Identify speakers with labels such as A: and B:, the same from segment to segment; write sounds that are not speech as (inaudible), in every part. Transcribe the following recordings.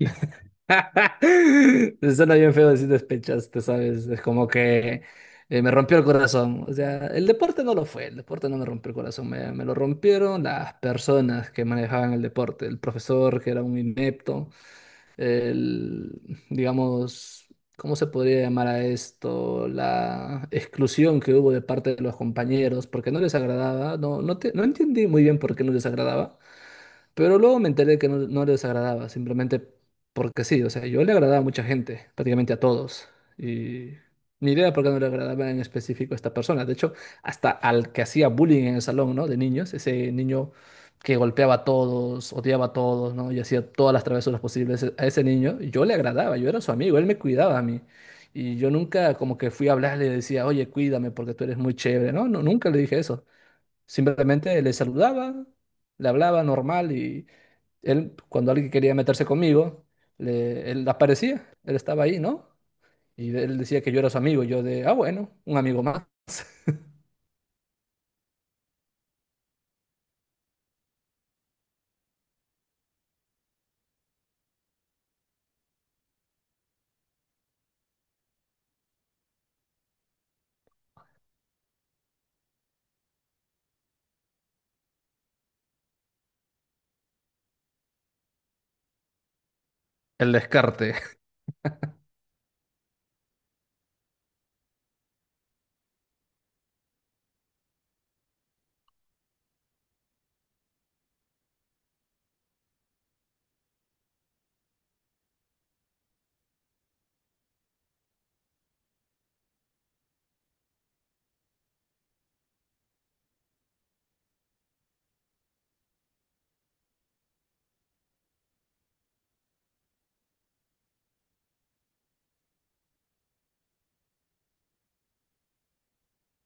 A: (laughs) Suena bien feo decir despechaste, ¿sabes? Es como que me rompió el corazón. O sea, el deporte no lo fue, el deporte no me rompió el corazón, me lo rompieron las personas que manejaban el deporte, el profesor que era un inepto, el, digamos, ¿cómo se podría llamar a esto? La exclusión que hubo de parte de los compañeros porque no les agradaba, no, no, no entendí muy bien por qué no les agradaba, pero luego me enteré que no les agradaba, simplemente porque sí, o sea, yo le agradaba a mucha gente, prácticamente a todos. Y ni idea por qué no le agradaba en específico a esta persona. De hecho, hasta al que hacía bullying en el salón, ¿no? De niños, ese niño que golpeaba a todos, odiaba a todos, ¿no? Y hacía todas las travesuras posibles, e, a ese niño, yo le agradaba, yo era su amigo, él me cuidaba a mí. Y yo nunca como que fui a hablarle y le decía, oye, cuídame porque tú eres muy chévere, ¿no? No, nunca le dije eso. Simplemente le saludaba, le hablaba normal y, él, cuando alguien quería meterse conmigo, él aparecía, él estaba ahí, ¿no? Y él decía que yo era su amigo, yo de, ah, bueno, un amigo más. (laughs) El descarte.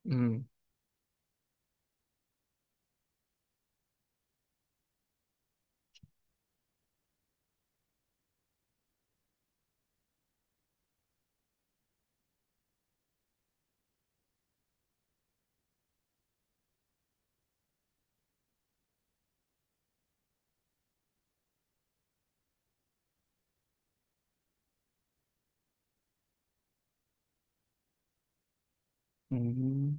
A: Mm, mm.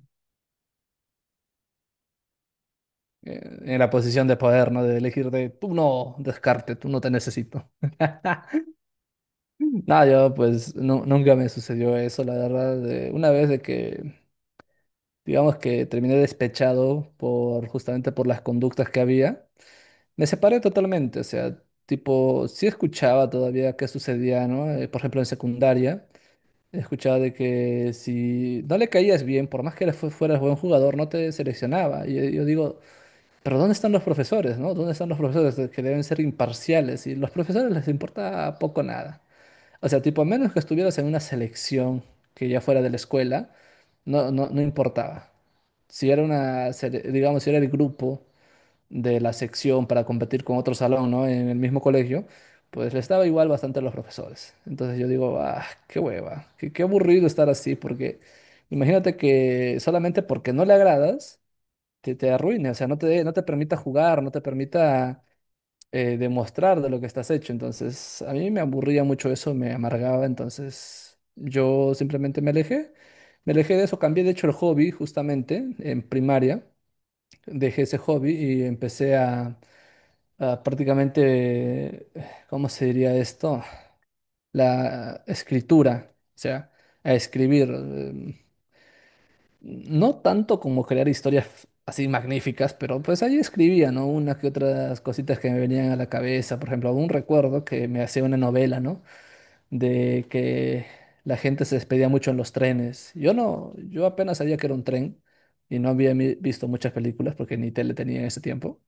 A: Eh, en la posición de poder, ¿no? De elegir de, tú no, descarte, tú no te necesito. (laughs) Nada, yo pues nunca me sucedió eso, la verdad. Una vez de que, digamos que terminé despechado por justamente por las conductas que había. Me separé totalmente, o sea, tipo, sí escuchaba todavía qué sucedía, ¿no? Por ejemplo, en secundaria, escuchaba de que si no le caías bien, por más que le fueras buen jugador, no te seleccionaba. Y yo digo, pero ¿dónde están los profesores, no? ¿Dónde están los profesores que deben ser imparciales? Y los profesores les importa poco nada. O sea, tipo, a menos que estuvieras en una selección que ya fuera de la escuela, no, no, no importaba. Si era una, digamos, si era el grupo de la sección para competir con otro salón, ¿no? En el mismo colegio, pues le estaba igual bastante a los profesores. Entonces yo digo, ah, qué hueva, qué aburrido estar así, porque imagínate que solamente porque no le agradas, te arruine, o sea, no te permita jugar, no te permita demostrar de lo que estás hecho. Entonces a mí me aburría mucho eso, me amargaba, entonces yo simplemente me alejé. Me alejé de eso, cambié de hecho el hobby justamente en primaria, dejé ese hobby y empecé a, ah, prácticamente, ¿cómo se diría esto? La escritura, o sea, a escribir. No tanto como crear historias así magníficas, pero pues ahí escribía, ¿no? Unas que otras cositas que me venían a la cabeza. Por ejemplo, un recuerdo que me hacía una novela, ¿no? De que la gente se despedía mucho en los trenes. Yo no, yo apenas sabía que era un tren y no había visto muchas películas porque ni tele tenía en ese tiempo.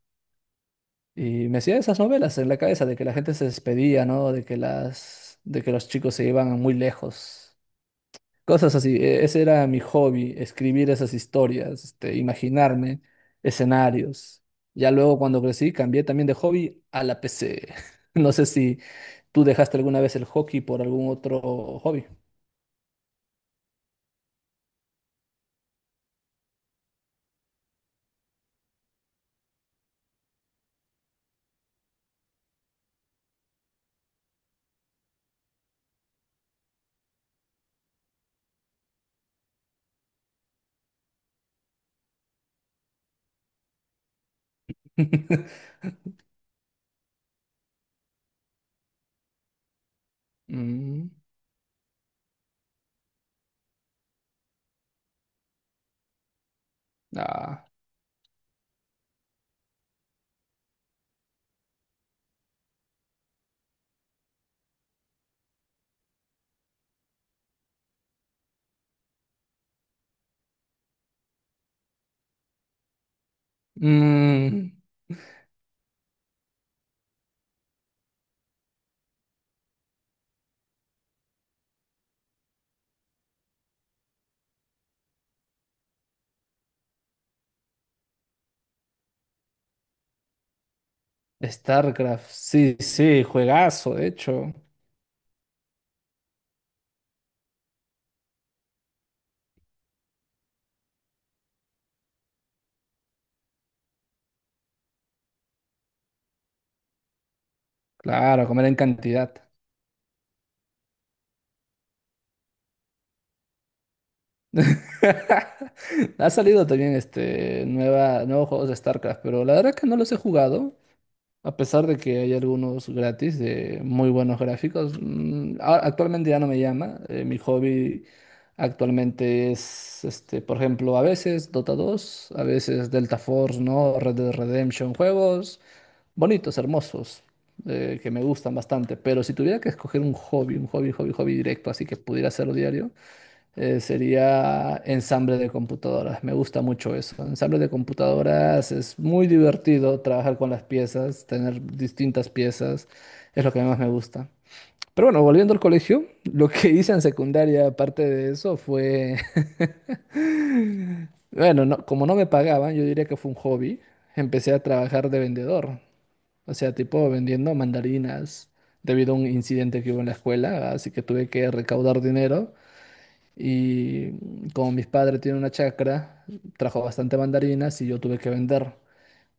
A: Y me hacía esas novelas en la cabeza de que la gente se despedía, ¿no? De que los chicos se iban muy lejos. Cosas así. Ese era mi hobby, escribir esas historias, este, imaginarme escenarios. Ya luego cuando crecí cambié también de hobby a la PC. (laughs) No sé si tú dejaste alguna vez el hockey por algún otro hobby. (laughs) Mm, ah. Mm, StarCraft, sí, sí, juegazo, de hecho. Claro, comer en cantidad. (laughs) Ha salido también este nueva, nuevos juegos de StarCraft, pero la verdad que no los he jugado, a pesar de que hay algunos gratis de muy buenos gráficos. Mm, actualmente ya no me llama. Mi hobby actualmente es este, por ejemplo, a veces Dota 2, a veces Delta Force, ¿no? Red Dead Redemption, juegos bonitos, hermosos, que me gustan bastante. Pero si tuviera que escoger un hobby, hobby, hobby directo, así que pudiera hacerlo diario, sería ensamble de computadoras. Me gusta mucho eso. Ensamble de computadoras es muy divertido, trabajar con las piezas, tener distintas piezas. Es lo que más me gusta. Pero bueno, volviendo al colegio, (laughs) lo que hice en secundaria, aparte de eso, fue... (laughs) Bueno, como no me pagaban, yo diría que fue un hobby. Empecé a trabajar de vendedor. O sea, tipo vendiendo mandarinas debido a un incidente que hubo en la escuela, así que tuve que recaudar dinero. Y como mis padres tienen una chacra, trajo bastante mandarinas y yo tuve que vender.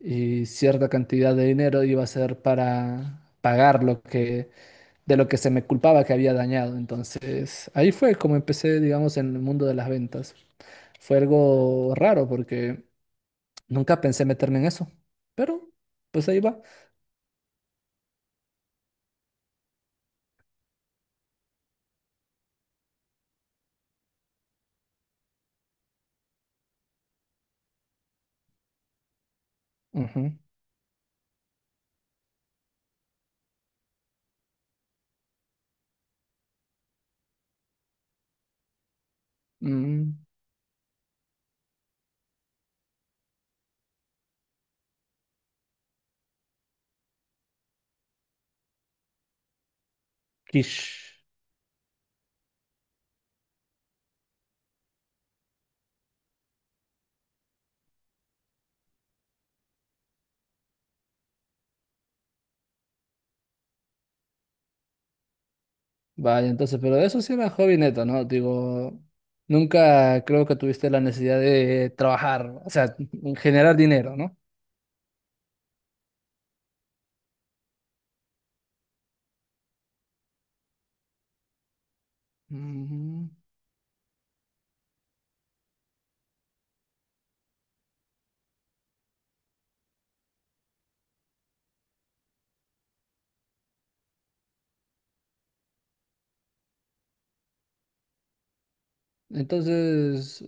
A: Y cierta cantidad de dinero iba a ser para pagar lo que, de lo que se me culpaba que había dañado. Entonces, ahí fue como empecé, digamos, en el mundo de las ventas. Fue algo raro porque nunca pensé meterme en eso. Pero, pues ahí va. Ujú. Mm, quiche. Vaya, entonces, pero eso sí era hobby neto, ¿no? Digo, nunca creo que tuviste la necesidad de trabajar, o sea, (laughs) generar dinero, ¿no? Ujú. Entonces,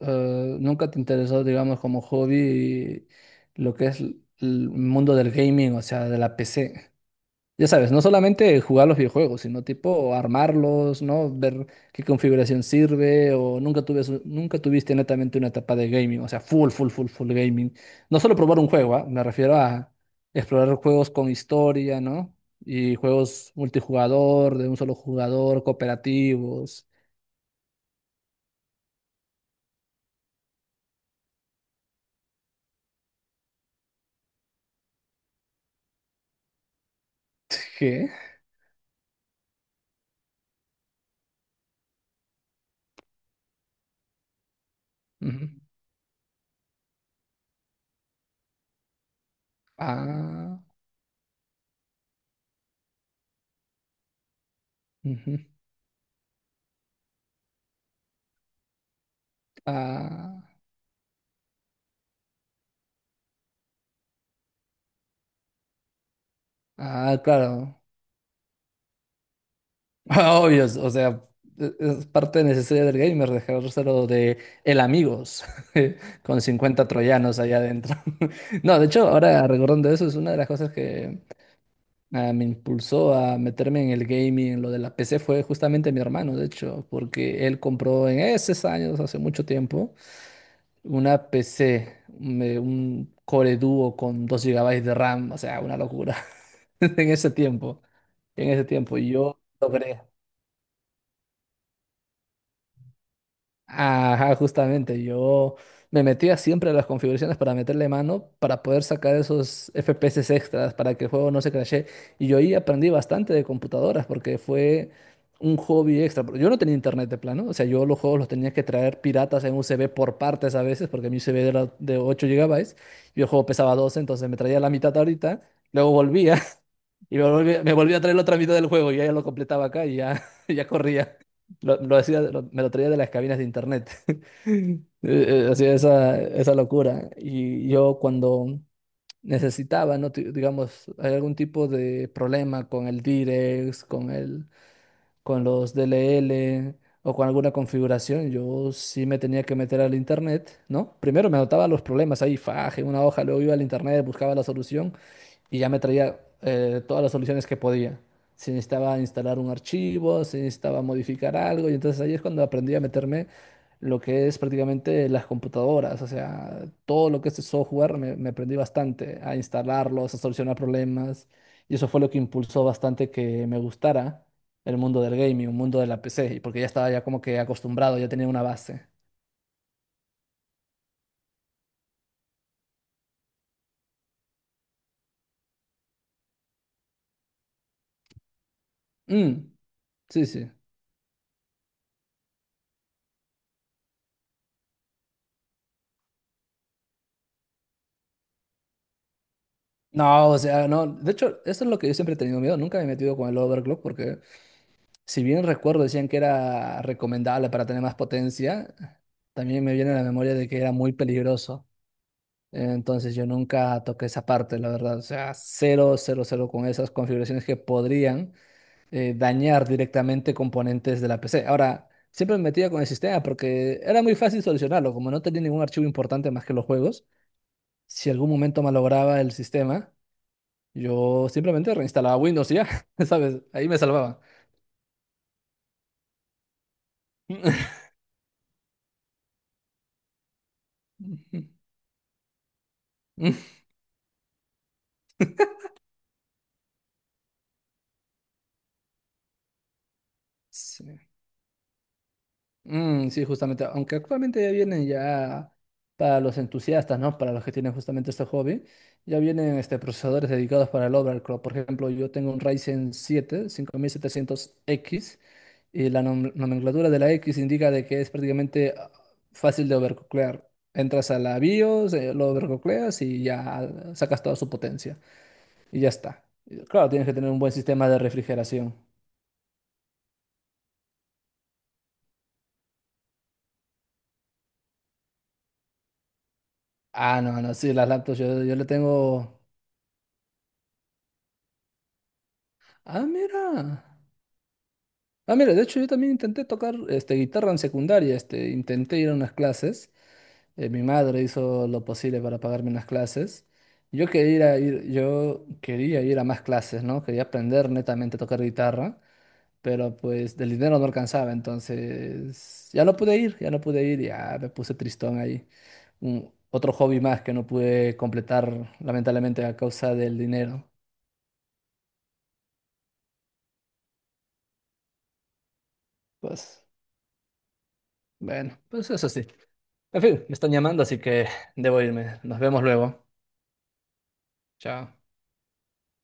A: nunca te interesó, digamos, como hobby lo que es el mundo del gaming, o sea, de la PC. Ya sabes, no solamente jugar los videojuegos, sino tipo armarlos, ¿no? Ver qué configuración sirve. O nunca tuve, su- nunca tuviste netamente una etapa de gaming, o sea, full, full, full, full gaming. No solo probar un juego, ¿ah? Me refiero a explorar juegos con historia, ¿no? Y juegos multijugador, de un solo jugador, cooperativos. (laughs) ¿Qué? Ujú. Ah, ujú. Ah, ah, claro. Ah, obvio, o sea, es parte necesaria del gamer dejárselo de el amigos (laughs) con 50 troyanos allá adentro. (laughs) No, de hecho, ahora recordando eso, es una de las cosas que ah, me impulsó a meterme en el gaming, en lo de la PC, fue justamente mi hermano, de hecho, porque él compró en esos años, hace mucho tiempo, una PC, un Core Duo con 2 GB de RAM, o sea, una locura (laughs) en ese tiempo. En ese tiempo, yo logré. Ajá, justamente, yo me metía siempre a las configuraciones para meterle mano, para poder sacar esos FPS extras, para que el juego no se crashe. Y yo ahí aprendí bastante de computadoras, porque fue un hobby extra. Pero yo no tenía internet de plano, o sea, yo los juegos los tenía que traer piratas en USB por partes a veces, porque mi USB era de 8 GB y el juego pesaba 12, entonces me traía la mitad ahorita, luego volvía (laughs) y me volvía a traer la otra mitad del juego y ya, ya lo completaba acá y ya, (laughs) ya corría. Lo me lo traía de las cabinas de internet, hacía esa, esa locura. Y yo cuando necesitaba, ¿no? Digamos, hay algún tipo de problema con el Direx, con el, con los D L L o con alguna configuración, yo sí me tenía que meter al internet, ¿no? Primero me anotaba los problemas ahí, faje, una hoja, luego iba al internet, buscaba la solución y ya me traía todas las soluciones que podía. Si necesitaba instalar un archivo, si necesitaba modificar algo, y entonces ahí es cuando aprendí a meterme lo que es prácticamente las computadoras, o sea, todo lo que es el software, me aprendí bastante a instalarlos, a solucionar problemas, y eso fue lo que impulsó bastante que me gustara el mundo del gaming, un mundo de la PC, y porque ya estaba ya como que acostumbrado, ya tenía una base. Mm, sí, sí. No, o sea, no. De hecho, eso es lo que yo siempre he tenido miedo. Nunca me he metido con el overclock porque, si bien recuerdo, decían que era recomendable para tener más potencia, también me viene a la memoria de que era muy peligroso. Entonces yo nunca toqué esa parte, la verdad. O sea, cero, cero, cero con esas configuraciones que podrían dañar directamente componentes de la PC. Ahora, siempre me metía con el sistema porque era muy fácil solucionarlo, como no tenía ningún archivo importante más que los juegos. Si algún momento malograba el sistema, yo simplemente reinstalaba Windows y ya, (laughs) ¿sabes? Ahí me salvaba. (laughs) Sí. Mm, sí, justamente, aunque actualmente ya vienen ya para los entusiastas, ¿no? Para los que tienen justamente este hobby, ya vienen este, procesadores dedicados para el overclock. Por ejemplo, yo tengo un Ryzen 7 5700X. Y la nomenclatura de la X indica de que es prácticamente ah, fácil de overclockear. Entras a la BIOS, lo overclockeas y ya ah, sacas toda su potencia. Y ya está. Y claro, tienes que tener un buen sistema de refrigeración. Ah, no, no, sí, las laptops yo, yo le tengo... Ah, mira. Ah, mira, de hecho yo también intenté tocar este, guitarra en secundaria. Este, intenté ir a unas clases. Mi madre hizo lo posible para pagarme unas clases. Yo quería ir, yo quería ir a más clases, ¿no? Quería aprender netamente a tocar guitarra, pero pues del dinero no alcanzaba, entonces ya no pude ir, ya me puse tristón ahí. Otro hobby más que no pude completar, lamentablemente, a causa del dinero. Pues bueno, pues eso sí. En fin, me están llamando, así que debo irme. Nos vemos luego. Chao.